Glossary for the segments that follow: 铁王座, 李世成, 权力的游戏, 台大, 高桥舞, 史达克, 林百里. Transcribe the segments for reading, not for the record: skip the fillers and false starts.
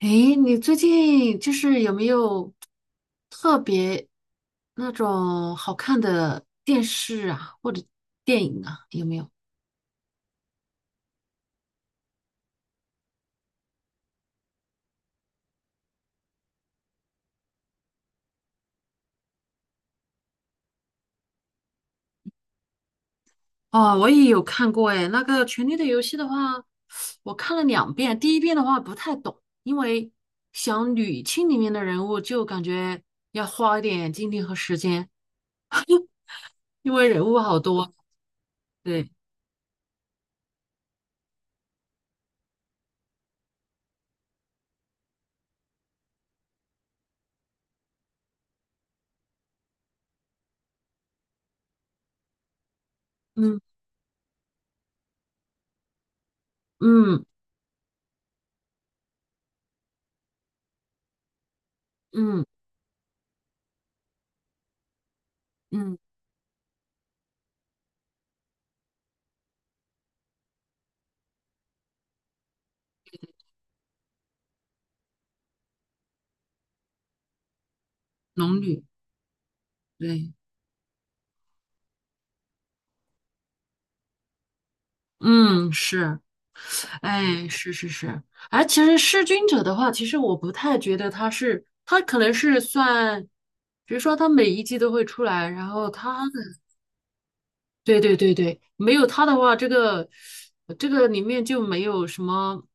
诶，你最近就是有没有特别那种好看的电视啊，或者电影啊？有没有？哦，我也有看过诶，那个《权力的游戏》的话，我看了2遍。第一遍的话不太懂，因为想捋清里面的人物，就感觉要花一点精力和时间，因为人物好多。对，嗯嗯嗯嗯，龙女，对，嗯是。哎，是是是，哎，其实弑君者的话，其实我不太觉得他是，他可能是算，比如说他每一季都会出来，然后他的，对对对对，没有他的话，这个里面就没有什么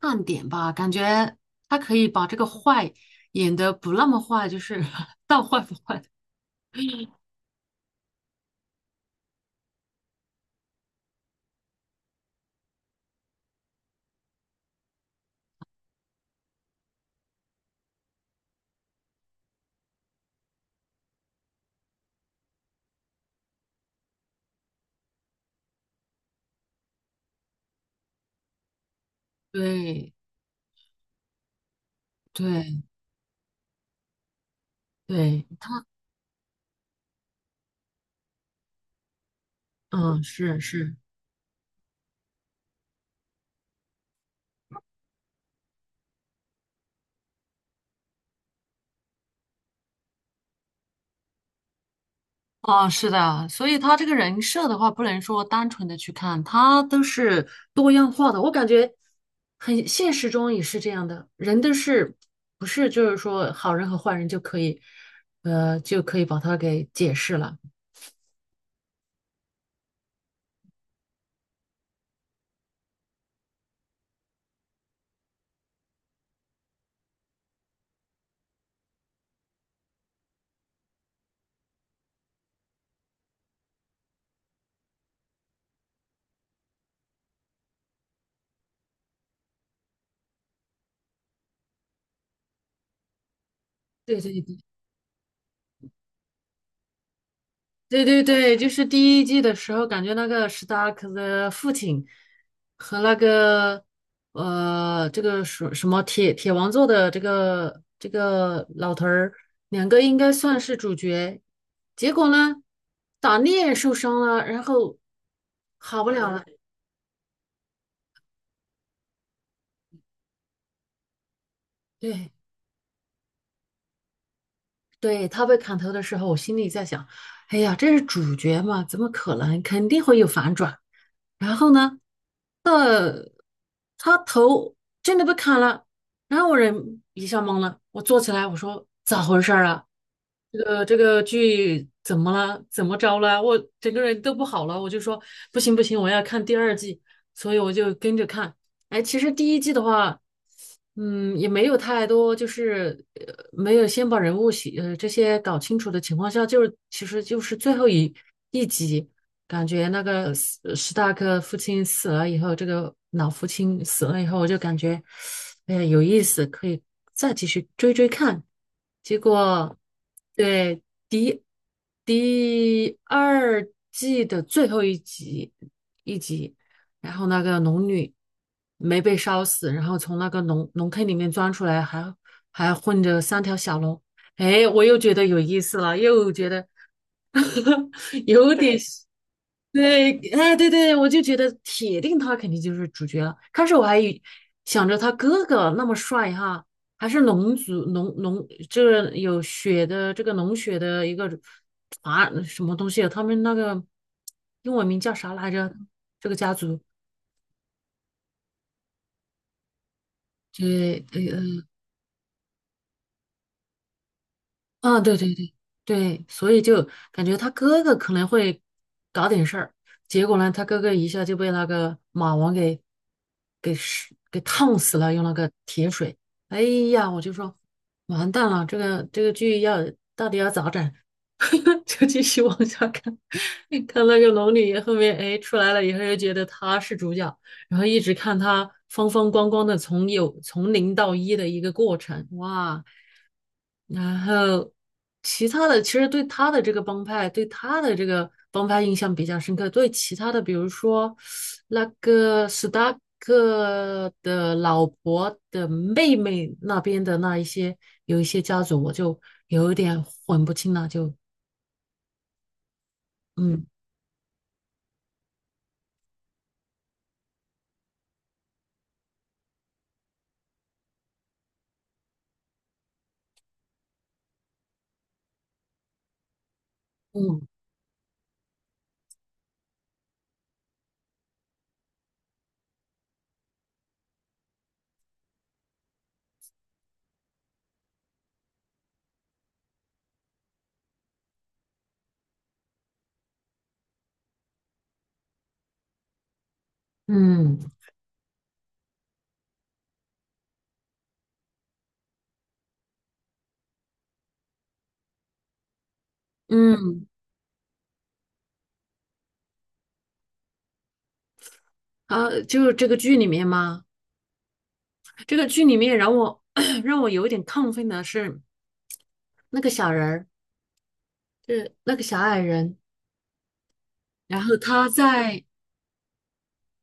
看点吧，感觉他可以把这个坏演得不那么坏，就是 到坏不坏，对对对，是是。啊，是的，所以他这个人设的话，不能说单纯的去看，他都是多样化的。我感觉很现实中也是这样的，人都是不是就是说好人和坏人就可以，就可以把他给解释了。对对对，对对对，就是第一季的时候，感觉那个史达克的父亲和那个这个什么铁王座的这个老头儿，2个应该算是主角。结果呢，打猎受伤了，然后好不了了。对对，他被砍头的时候，我心里在想，哎呀，这是主角嘛，怎么可能？肯定会有反转。然后呢，呃，他头真的被砍了，然后我人一下懵了，我坐起来，我说咋回事儿啊？这个剧怎么了？怎么着了？我整个人都不好了，我就说不行不行，我要看第二季，所以我就跟着看。哎，其实第一季的话，也没有太多，就是没有先把人物这些搞清楚的情况下，就是其实就是最后一集。感觉那个史大哥父亲死了以后，这个老父亲死了以后，我就感觉，哎呀，有意思，可以再继续追追看。结果，对，第第二季的最后一集，一集，然后那个龙女没被烧死，然后从那个龙坑里面钻出来，还混着3条小龙。哎，我又觉得有意思了，又觉得 有点对，对，哎，对对，我就觉得铁定他肯定就是主角了。开始我还想着他哥哥那么帅哈，还是龙族这个有血的这个龙血的一个啊什么东西啊，他们那个英文名叫啥来着？这个家族，对，啊，对对对对，所以就感觉他哥哥可能会搞点事儿，结果呢，他哥哥一下就被那个马王给烫死了，用那个铁水。哎呀，我就说完蛋了，这个剧要到底要咋整？就继续往下看，看那个龙女后面，哎，出来了以后又觉得她是主角，然后一直看她风风光光的从零到一的一个过程，哇。然后其他的，其实对他的这个帮派印象比较深刻。对其他的，比如说那个史达克的老婆的妹妹那边的那一些，有一些家族，我就有一点混不清了。就。嗯嗯嗯嗯。啊，就是这个剧里面嘛，这个剧里面让我 让我有一点亢奋的是那个小人儿，就是那个小矮人。然后他在，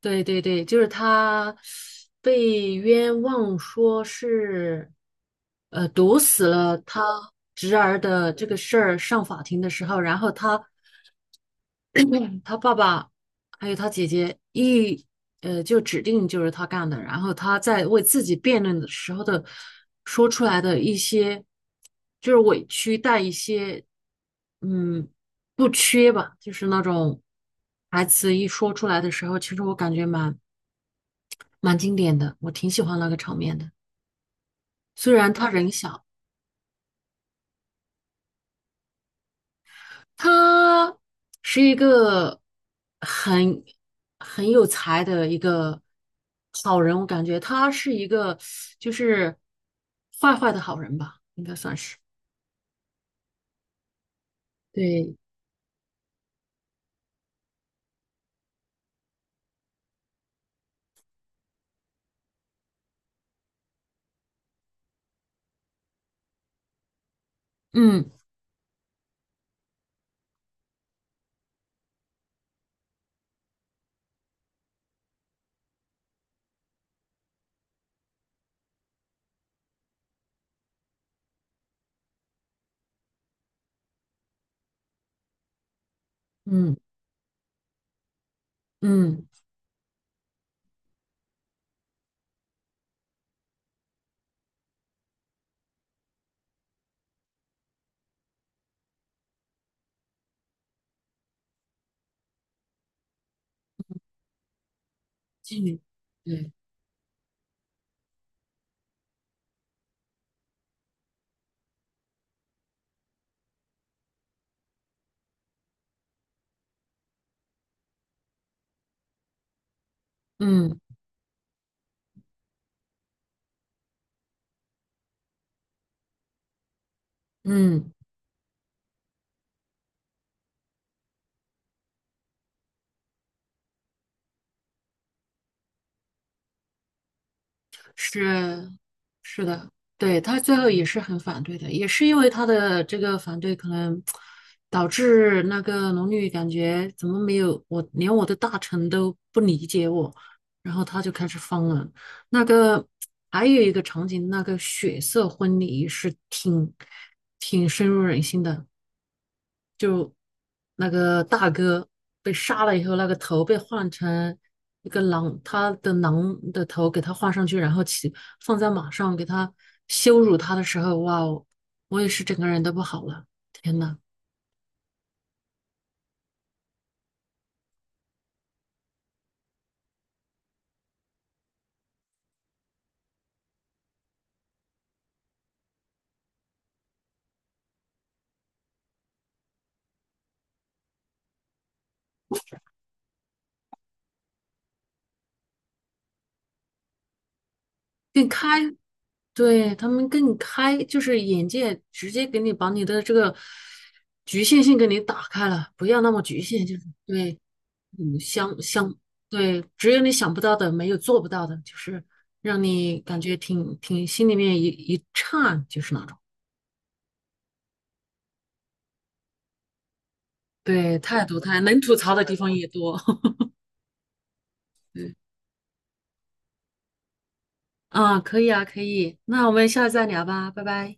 对对对，就是他被冤枉说是，毒死了他侄儿的这个事儿上法庭的时候，然后他爸爸还有他姐姐就指定就是他干的，然后他在为自己辩论的时候的说出来的一些就是委屈，带一些嗯不缺吧，就是那种台词一说出来的时候，其实我感觉蛮经典的，我挺喜欢那个场面的。虽然他人小，他是一个很很有才的一个好人，我感觉他是一个就是坏坏的好人吧，应该算是。对，嗯嗯嗯，妓女，对，嗯嗯。是是的，对，他最后也是很反对的，也是因为他的这个反对，可能导致那个龙女感觉怎么没有我，连我的大臣都不理解我，然后他就开始疯了。那个还有一个场景，那个血色婚礼是挺深入人心的。那个大哥被杀了以后，那个头被换成一个狼，他的狼的头给他换上去，然后放在马上给他羞辱他的时候，哇哦，我也是整个人都不好了，天呐！跟开对，他们更开，就是眼界直接给你把你的这个局限性给你打开了，不要那么局限，就是对，想想，对，只有你想不到的，没有做不到的，就是让你感觉挺心里面一颤，就是那种。对，太多太能吐槽的地方也多。对，啊，可以啊，可以，那我们下次再聊吧，拜拜。